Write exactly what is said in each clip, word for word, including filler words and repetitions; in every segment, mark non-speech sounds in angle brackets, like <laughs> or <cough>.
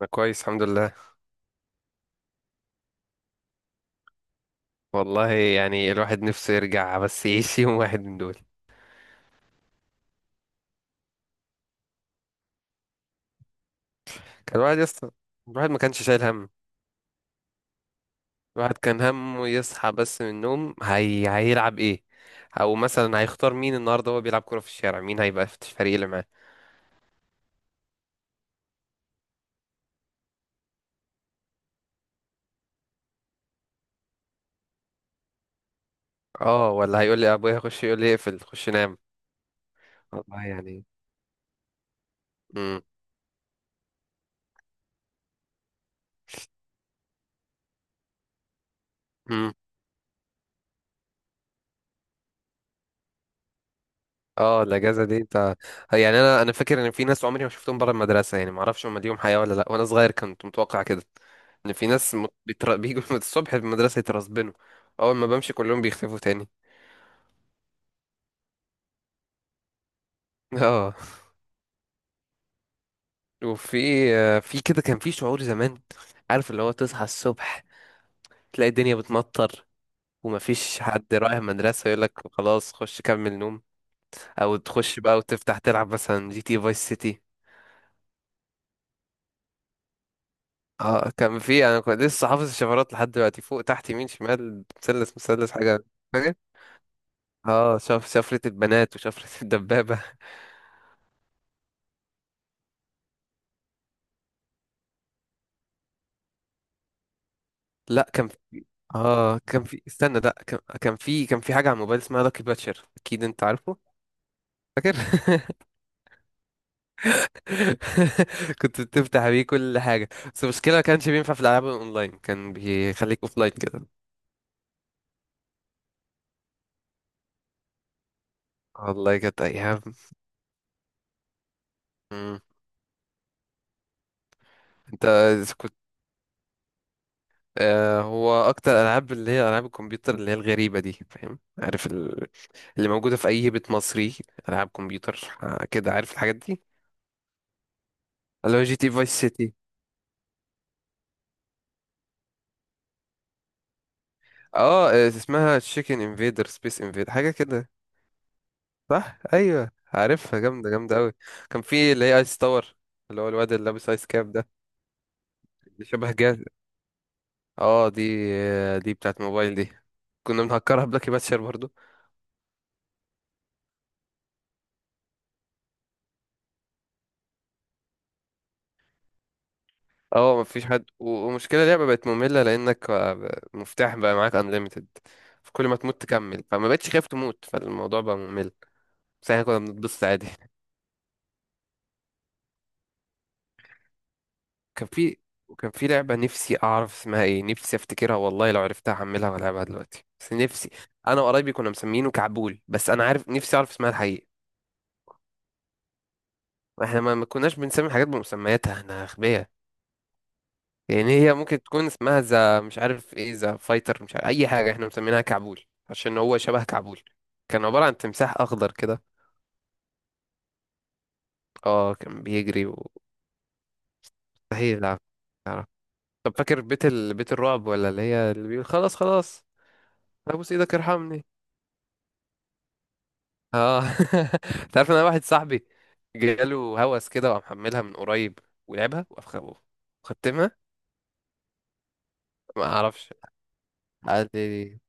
انا كويس، الحمد لله. والله يعني الواحد نفسه يرجع، بس يعيش يوم واحد من دول. كان الواحد يصحى، الواحد ما كانش شايل هم. الواحد كان همه يصحى بس من النوم، هي... هيلعب ايه، او مثلا هيختار مين النهارده هو بيلعب كوره في الشارع، مين هيبقى في الفريق اللي معاه. اه، ولا هيقول لي ابويا خش، يقول لي اقفل خش نام. والله يعني. امم، امم. اه، الاجازه دي انت، يعني انا انا فاكر ان في ناس عمري ما شفتهم بره المدرسه، يعني ما اعرفش هم ليهم حياه ولا لا، وانا صغير كنت متوقع كده، ان في ناس مت- بيتر... بيجوا <laughs> من الصبح المدرسه يترسبنوا. اول ما بمشي كلهم بيختفوا تاني. <laughs> اه. وفي آه، في كده كان في شعور زمان، عارف اللي هو، تصحى الصبح تلاقي الدنيا بتمطر ومفيش حد رايح المدرسه، يقول لك خلاص خش كمل نوم، او تخش بقى وتفتح تلعب مثلا جي تي فايس سيتي. اه، كان في، انا كنت لسه حافظ الشفرات لحد دلوقتي، فوق تحت يمين شمال مثلث مثلث حاجه. فاكر. اه، شف شفره البنات وشفره <laughs> الدبابه. لا كان في. اه كان في. استنى، لا، كان كان في كان في حاجه على الموبايل اسمها لاكي باتشر، اكيد انت عارفه. فاكر. <laughs> كنت بتفتح بيه كل حاجه، بس المشكله ما كانش بينفع في الالعاب الاونلاين، كان بيخليك اوفلاين كده. والله كانت ايام. مم. انت، آه، هو اكتر العاب اللي هي العاب الكمبيوتر اللي هي الغريبه دي فاهم، عارف ال... اللي موجوده في اي بيت مصري. العاب كمبيوتر، آه، كده عارف الحاجات دي. اللي هو جي تي فايس سيتي. اه، آه، اسمها تشيكن انفيدر، سبيس انفيدر، حاجه كده. صح، ايوه عارفها، جامده جامده قوي. كان في اللي هي ايس تاور، اللي هو الواد اللي لابس ايس كاب ده. اللي شبه جاز. اه دي، آه، دي بتاعت موبايل دي، كنا بنهكرها بلاكي باتشر برضو. اه مفيش حد. و- ومشكلة اللعبة بقت مملة، لأنك بقى- مفتاح بقى معاك unlimited، فكل ما تموت تكمل، فما بقتش خايف تموت، فالموضوع بقى ممل. بس احنا كنا بنتبسط عادي. كان في. وكان في لعبة نفسي أعرف اسمها ايه، نفسي أفتكرها، والله لو عرفتها هحملها وألعبها دلوقتي، بس نفسي. أنا وقرايبي كنا مسمينه كعبول، بس أنا عارف، نفسي أعرف اسمها الحقيقي. احنا ما ما كناش بنسمي حاجات بمسمياتها، احنا أغبياء. يعني هي ممكن تكون اسمها ذا مش عارف ايه، ذا فايتر مش عارف اي حاجه، احنا مسمينها كعبول، عشان هو شبه كعبول. كان عباره عن تمساح اخضر كده. اه كان بيجري ومستحيل يلعب يعرف. طب فاكر بيت ال... بيت الرعب ولا اللي هي اللي بيقول خلاص خلاص، ابوس ايدك ارحمني. اه. <laughs> انت عارف إن انا واحد صاحبي جاله هوس كده، وقام محملها من قريب ولعبها وأخ- وختمها. ما اعرفش. قال لي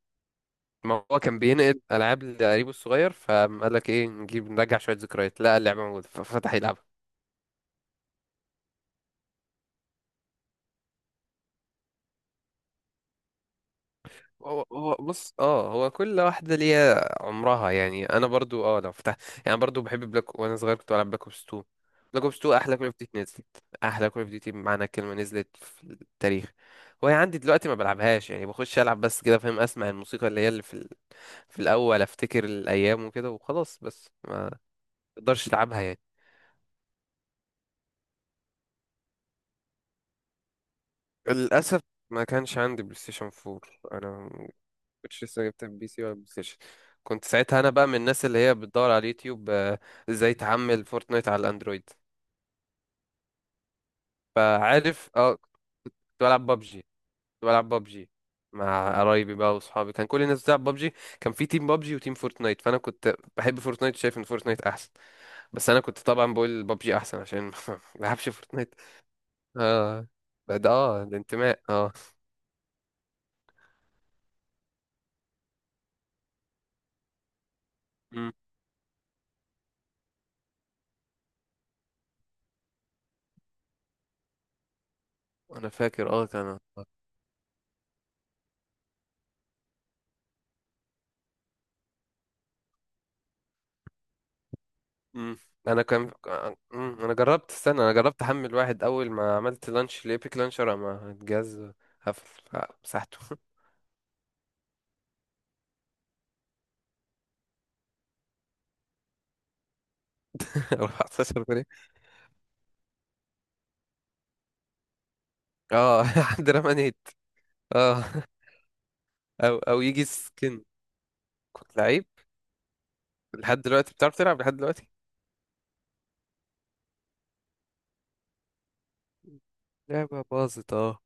ما هو كان بينقل العاب لقريبه الصغير، فقال لك ايه، نجيب نرجع شويه ذكريات، لا اللعبه موجوده، ففتح يلعبها. هو هو بص، اه هو كل واحده ليها عمرها، يعني انا برضو، اه لو فتحت، يعني برضو بحب بلاك، وانا صغير كنت بلعب بلاك اوبس اتنين. بلاك اوبس اثنين احلى كول اوف ديوتي نزلت. احلى كول اوف ديوتي بمعنى الكلمه نزلت في التاريخ. وهي عندي دلوقتي ما بلعبهاش، يعني بخش العب بس كده فاهم، اسمع الموسيقى اللي هي اللي في ال... في الاول، افتكر الايام وكده وخلاص، بس ما اقدرش العبها يعني. للأسف ما كانش عندي بلاي ستيشن فور. أنا ما كنتش لسه جبت بي سي ولا بلاي ستيشن. كنت ساعتها أنا بقى من الناس اللي هي بتدور على اليوتيوب، آه، إزاي تعمل فورتنايت على الأندرويد. فعارف أه كنت بلعب بابجي كنت بلعب بابجي مع قرايبي بقى وأصحابي، كان كل الناس بتلعب بابجي. كان في تيم بابجي وتيم فورتنايت، فأنا كنت بحب فورتنايت، شايف إن فورتنايت أحسن، بس أنا كنت طبعا بقول بابجي أحسن عشان <laughs> ما بلعبش فورتنايت. أه، ده ده- أه الانتماء أه. مم. أنا فاكر أه كان. امم انا كان امم انا جربت استنى انا جربت احمل واحد، اول ما عملت لانش لإيبك لانشر اما الجهاز قفل، مسحته. <laughs> اربعتاشر جنيه. اه، <laughs> حد رمانيت. اه، او او يجي سكن. كنت لعيب، لحد دلوقتي بتعرف تلعب لحد دلوقتي. لعبة باظت اه.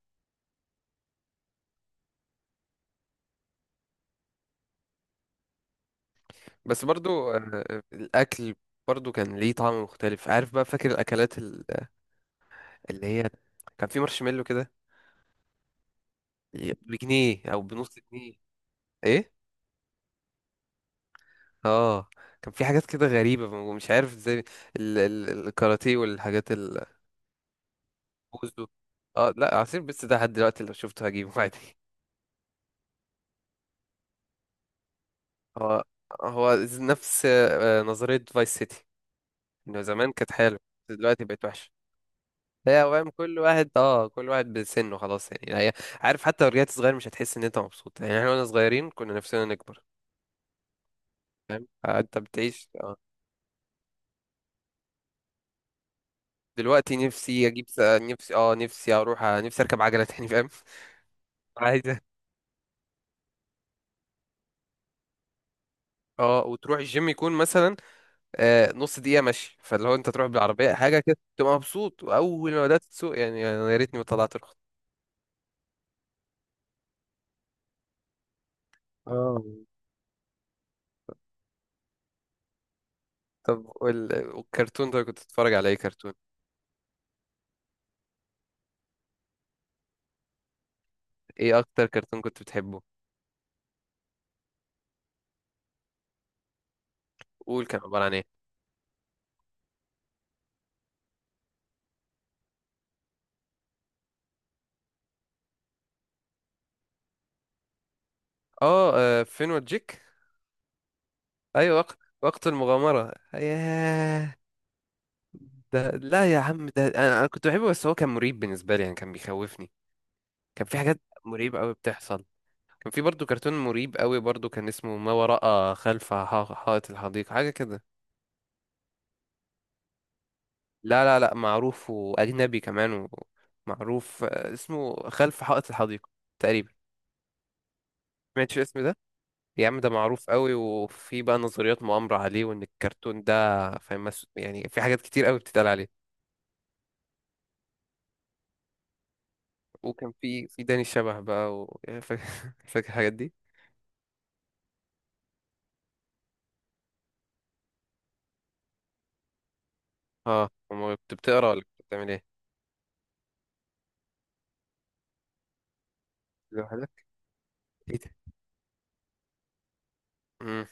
بس برضو، آه، الأكل برضو كان ليه طعم مختلف عارف، بقى فاكر الأكلات ال- اللي هي، كان في مارشميلو كده بجنيه أو بنص جنيه. إيه؟ اه، كان في حاجات كده غريبة ومش عارف ازاي. ال... ال... الكاراتيه والحاجات. البوزو. اه لا، عصير بس ده لحد دلوقتي لو شفته هجيبه <laughs> عادي. هو هو نفس آه، نظرية فايس سيتي، انه زمان كانت حلوة بس دلوقتي بقت وحشة. هي فاهم، كل واحد اه كل واحد بسنه خلاص يعني هي، عارف حتى لو رجعت صغير مش هتحس ان انت مبسوط، يعني احنا واحنا صغيرين كنا نفسنا نكبر، فاهم، آه، انت بتعيش. اه. دلوقتي نفسي اجيب س- نفسي اه نفسي اروح آه، نفسي اركب عجلة تاني فاهم. <laughs> عايز. اه، وتروح الجيم يكون مثلا آه نص دقيقه مشي، فاللي هو انت تروح بالعربيه حاجه كده تبقى مبسوط، واول ما بدات تسوق يعني أنا يا ريتني ما طلعت رخصه. اه، طب وال- والكرتون ده كنت بتتفرج على ايه كرتون؟ ايه اكتر كرتون كنت بتحبه؟ قول كان عباره عن ايه؟ اه، آه، فين وجيك. ايوه وقت، وقت المغامره، ياه. ده لا يا عم، ده انا أنا كنت بحبه، بس هو كان مريب بالنسبه لي يعني كان بيخوفني. كان في حاجات مريبه قوي بتحصل. كان في برضو كرتون مريب قوي برضو، كان اسمه ما وراء خلف ح- حائط الحديقة، حاجة كده. لا لا لا، معروف وأجنبي كمان. ومعروف، آه، اسمه خلف حائط الحديقة تقريبا. سمعتش الاسم ده؟ يا عم ده معروف قوي، وفي بقى نظريات مؤامرة عليه وإن الكرتون ده فاهم، مس- يعني في حاجات كتير قوي بتتقال عليه. وكان في في داني الشبح بقى و... <laughs> فاكر، فاكر الحاجات دي؟ اه، أما كنت بتقرا ولا كنت بتعمل ايه؟ لوحدك؟ ايه ده. امم.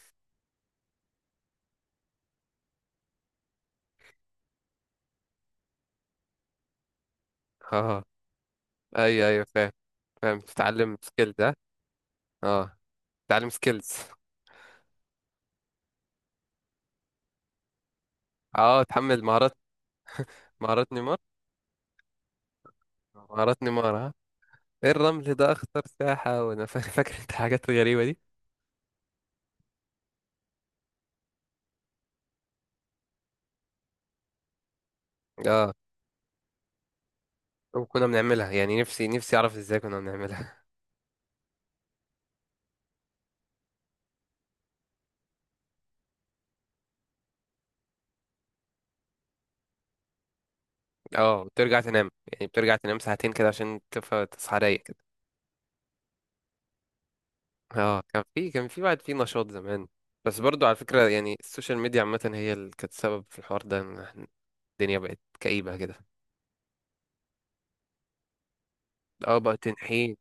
اه، ايوه، ايوه فاهم، فاهم تتعلم سكيل. اه، تعليم سكيلز. اه، تحمل مهارات. مهارات نيمار. مهارات نيمار، ها. ايه الرمل ده اخطر ساحة وانا <laughs> فا- فاكر انت الحاجات الغريبة دي. اه وكنا بنعملها يعني، نفسي نفسي اعرف ازاي كنا بنعملها. <laughs> اه، وترجع تنام يعني، بترجع تنام ساعتين كده عشان تف- تصحى رايق كده. اه، كان في كان في بعد، في نشاط زمان. بس برضو على فكرة يعني، السوشيال ميديا عامة هي اللي كانت سبب في الحوار ده، إن إحنا- الدنيا بقت كئيبة كده. اه بقى تنحي،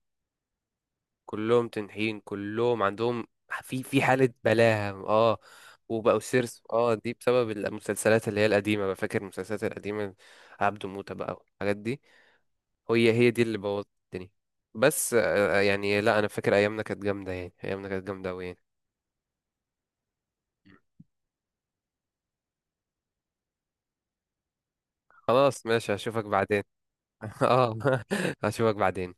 كلهم تنحين، كلهم عندهم، في في حالة بلاهة اه، وبقوا سيرس. اه دي بسبب المسلسلات اللي هي القديمة بقى، فاكر المسلسلات القديمة؟ عبده موتة بقى والحاجات دي، هي هي دي اللي بوظت الدنيا. بس، آه، آه، يعني لا انا فاكر ايامنا كانت جامدة يعني، ايامنا كانت جامدة اوي يعني. خلاص ماشي، هشوفك بعدين. <laughs> اه. <laughs> هشوفك بعدين.